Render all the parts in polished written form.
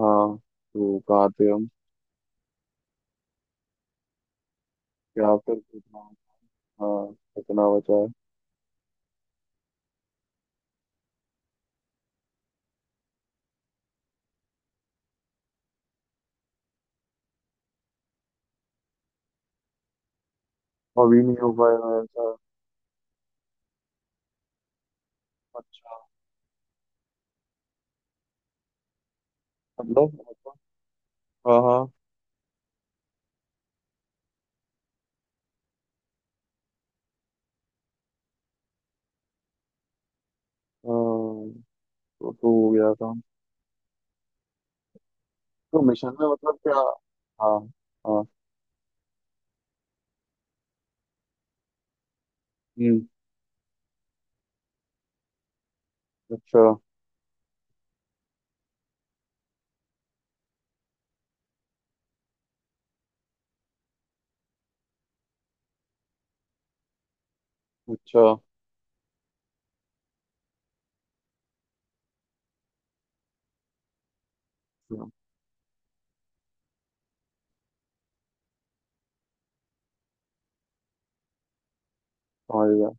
हाँ। तो कहाँ थे हम? क्या फिर कितना? हाँ कितना बचा है? अभी नहीं हो पाया मेरे साथ। अच्छा। मतलब, हाँ हाँ। हाँ, तो हो गया काम। तो मिशन में मतलब क्या? हाँ। हाँ। हम्म। अच्छा। अच्छा। हाँ, समझ गया।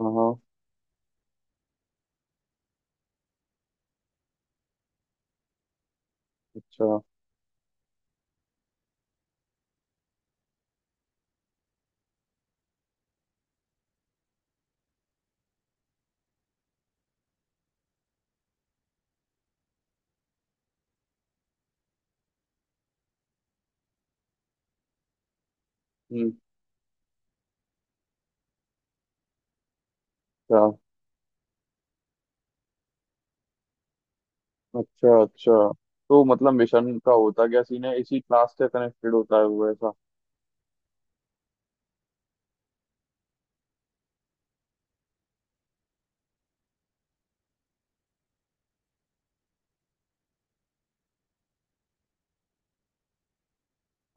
हाँ हाँ। अच्छा। हम्म। क्या? अच्छा अच्छा। तो मतलब मिशन का होता क्या सीन है, इसी क्लास से कनेक्टेड होता है वो ऐसा?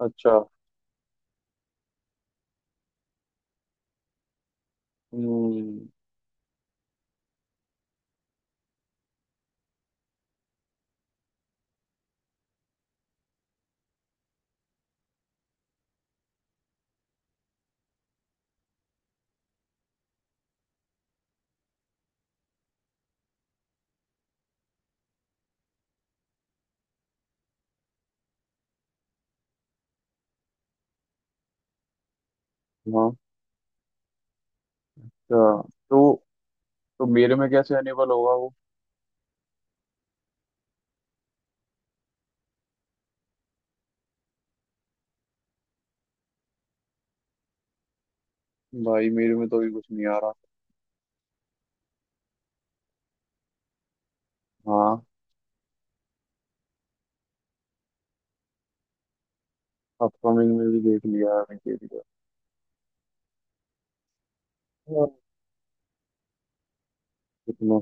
अच्छा। हम्म। हाँ। अच्छा। तो तो मेरे में कैसे अनेबल होगा वो? भाई मेरे में तो अभी कुछ नहीं आ रहा। हाँ। अपकमिंग में भी देख लिया अभी के लिए। हाँ। कितना?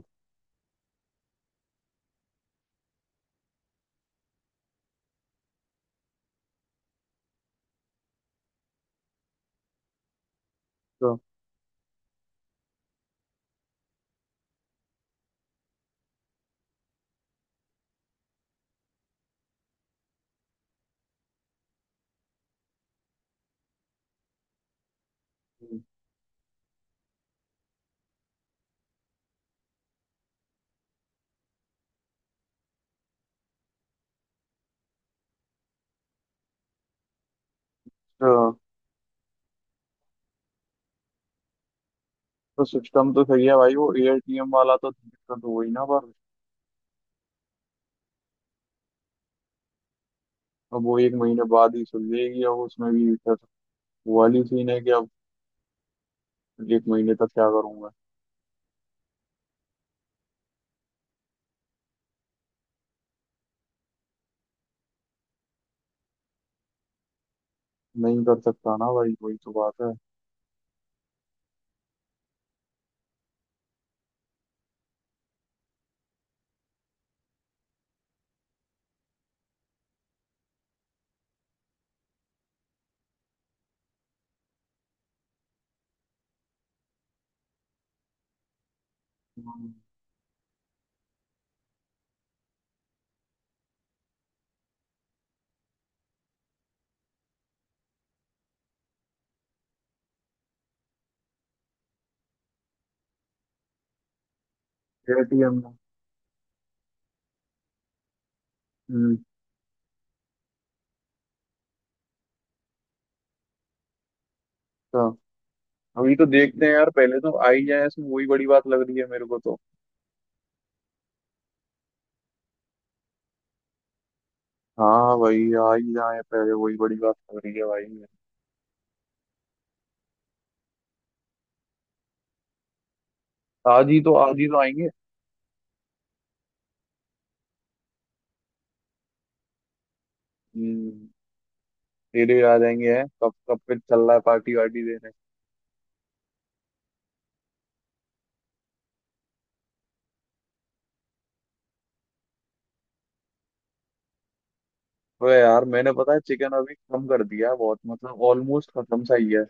तो तो, तो सिस्टम तो सही है भाई, वो एआईटीएम वाला तो दिक्कत हो गई ना पर। अब वो एक महीने बाद ही सुलझेगी, अब उसमें भी फिर वो वाली सीन है कि अब एक महीने तक क्या करूंगा। नहीं कर सकता ना भाई वही तो बात है। एआईटीएम में। हम्म। तो अभी तो देखते हैं यार, पहले तो आई जाए, इसमें वही बड़ी बात लग रही है मेरे को तो। हाँ भाई आज ही जाए पहले, वही बड़ी बात हो रही है भाई। आज ही तो आएंगे। हम्म, तेरे आ जाएंगे हैं कब? कब पे चल रहा है पार्टी वार्टी देने? अबे यार मैंने पता है चिकन अभी कम कर दिया है बहुत, मतलब ऑलमोस्ट खत्म सा ही है।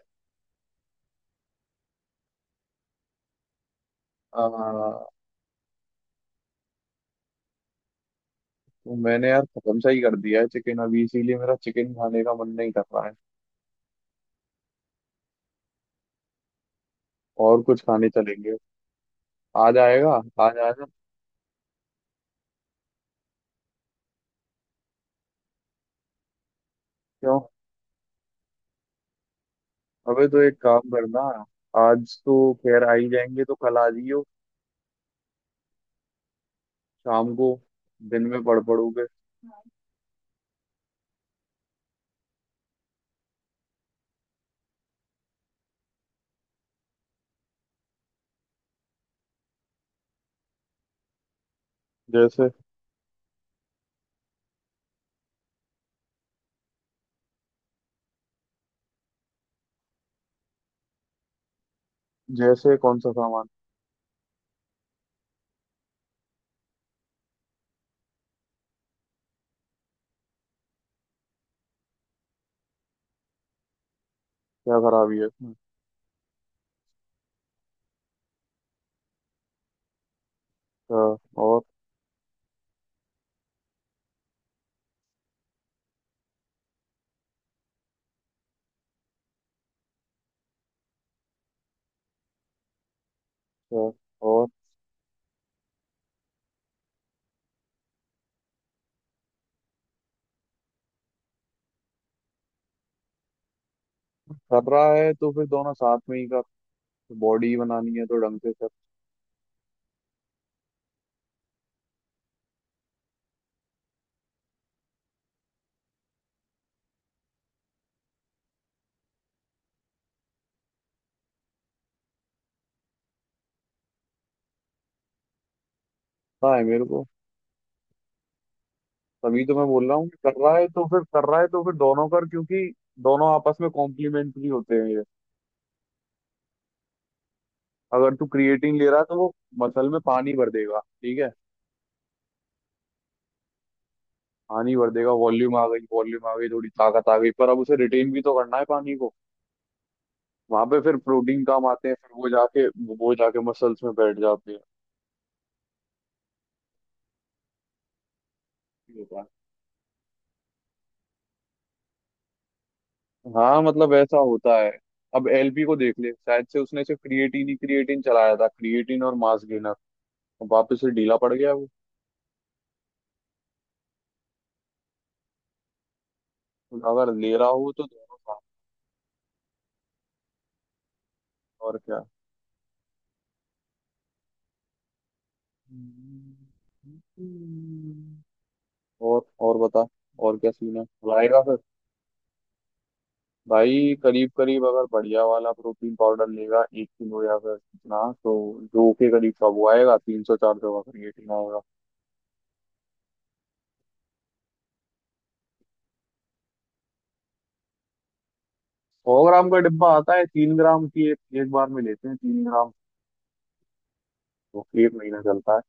तो मैंने यार खत्म सा ही कर दिया है चिकन अभी, इसीलिए मेरा चिकन खाने का मन नहीं कर रहा है। और कुछ खाने चलेंगे। आज आएगा? आज आ जा। क्यों? अबे तो एक काम करना। आज तो खैर आ ही जाएंगे तो कल आ जियो शाम को। दिन में पड़ोगे। जैसे जैसे कौन सा सामान? क्या खराबी है इसमें? अच्छा और अच्छा। और, कर रहा है तो फिर दोनों साथ में ही कर। बॉडी बनानी है तो ढंग से करता है मेरे को। तभी तो मैं बोल रहा हूँ कि कर रहा है तो फिर कर रहा है तो फिर दोनों कर, क्योंकि दोनों आपस में कॉम्प्लीमेंट्री होते हैं ये। अगर तू क्रिएटिन ले रहा है तो वो मसल में पानी भर देगा, ठीक है। पानी भर देगा, वॉल्यूम आ गई, वॉल्यूम आ गई, थोड़ी ताकत आ गई, पर अब उसे रिटेन भी तो करना है पानी को। वहां पे फिर प्रोटीन काम आते हैं, फिर वो जाके मसल्स में बैठ जाते हैं। हाँ मतलब ऐसा होता है। अब एलपी को देख ले, शायद से उसने सिर्फ क्रिएटिन ही क्रिएटिन चलाया था, क्रिएटिन और मास गेनर, वापस से ढीला पड़ गया वो। तो अगर ले रहा हो तो दोनों साथ। और क्या। हम्म। और बता, और क्या सीन है? लाएगा फिर? भाई करीब करीब अगर बढ़िया वाला प्रोटीन पाउडर लेगा एक किलो या फिर कितना, तो दो के करीब का वो आएगा, तीन सौ चार सौ का क्रिएटिन आएगा। सौ ग्राम का डिब्बा आता है, तीन ग्राम की एक, एक बार में लेते हैं तीन ग्राम। तो एक महीना चलता है।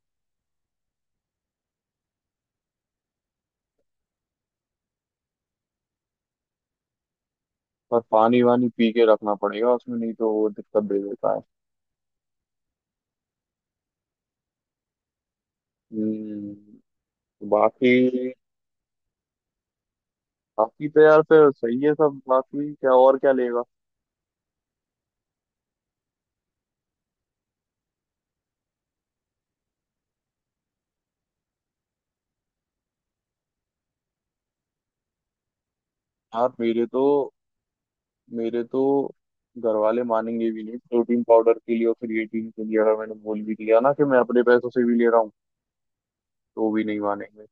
पर पानी वानी पी के रखना पड़ेगा उसमें, नहीं तो वो दिक्कत दे देता है। हम्म। बाकी, बाकी तो यार फिर सही है सब, बाकी क्या और क्या लेगा? यार मेरे तो घर वाले मानेंगे भी नहीं प्रोटीन पाउडर के लिए और क्रिएटिन के लिए, अगर मैंने बोल भी दिया ना कि मैं अपने पैसों से भी ले रहा हूँ तो भी नहीं मानेंगे।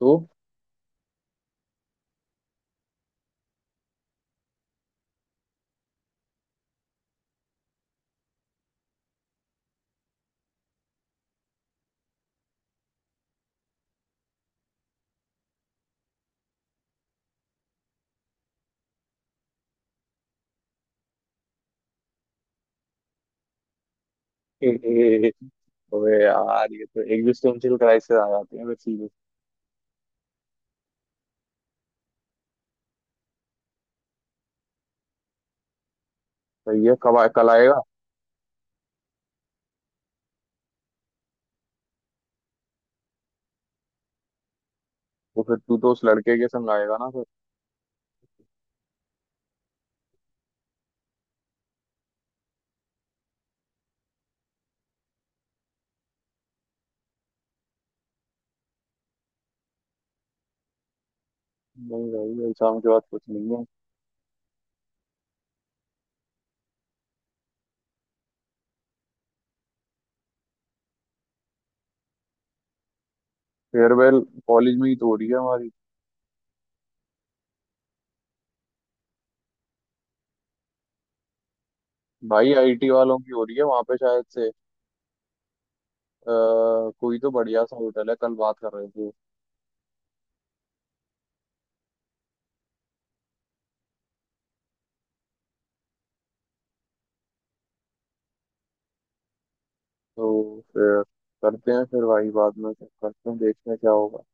तो अबे यार ये तो एग्जिस्टेंशियल क्राइसिस आ जाते हैं फिर सीधे। सही है। कल आएगा? वो फिर तू तो उस लड़के के संग आएगा ना फिर? नहीं भाई अभी शाम के बाद कुछ नहीं है। फेयरवेल कॉलेज में ही तो हो रही है हमारी। भाई आईटी वालों की हो रही है वहां पे शायद से। आ, कोई तो बढ़िया सा होटल है, कल बात कर रहे थे। तो फिर करते हैं फिर भाई, बाद में करते हैं, देखते हैं क्या होगा।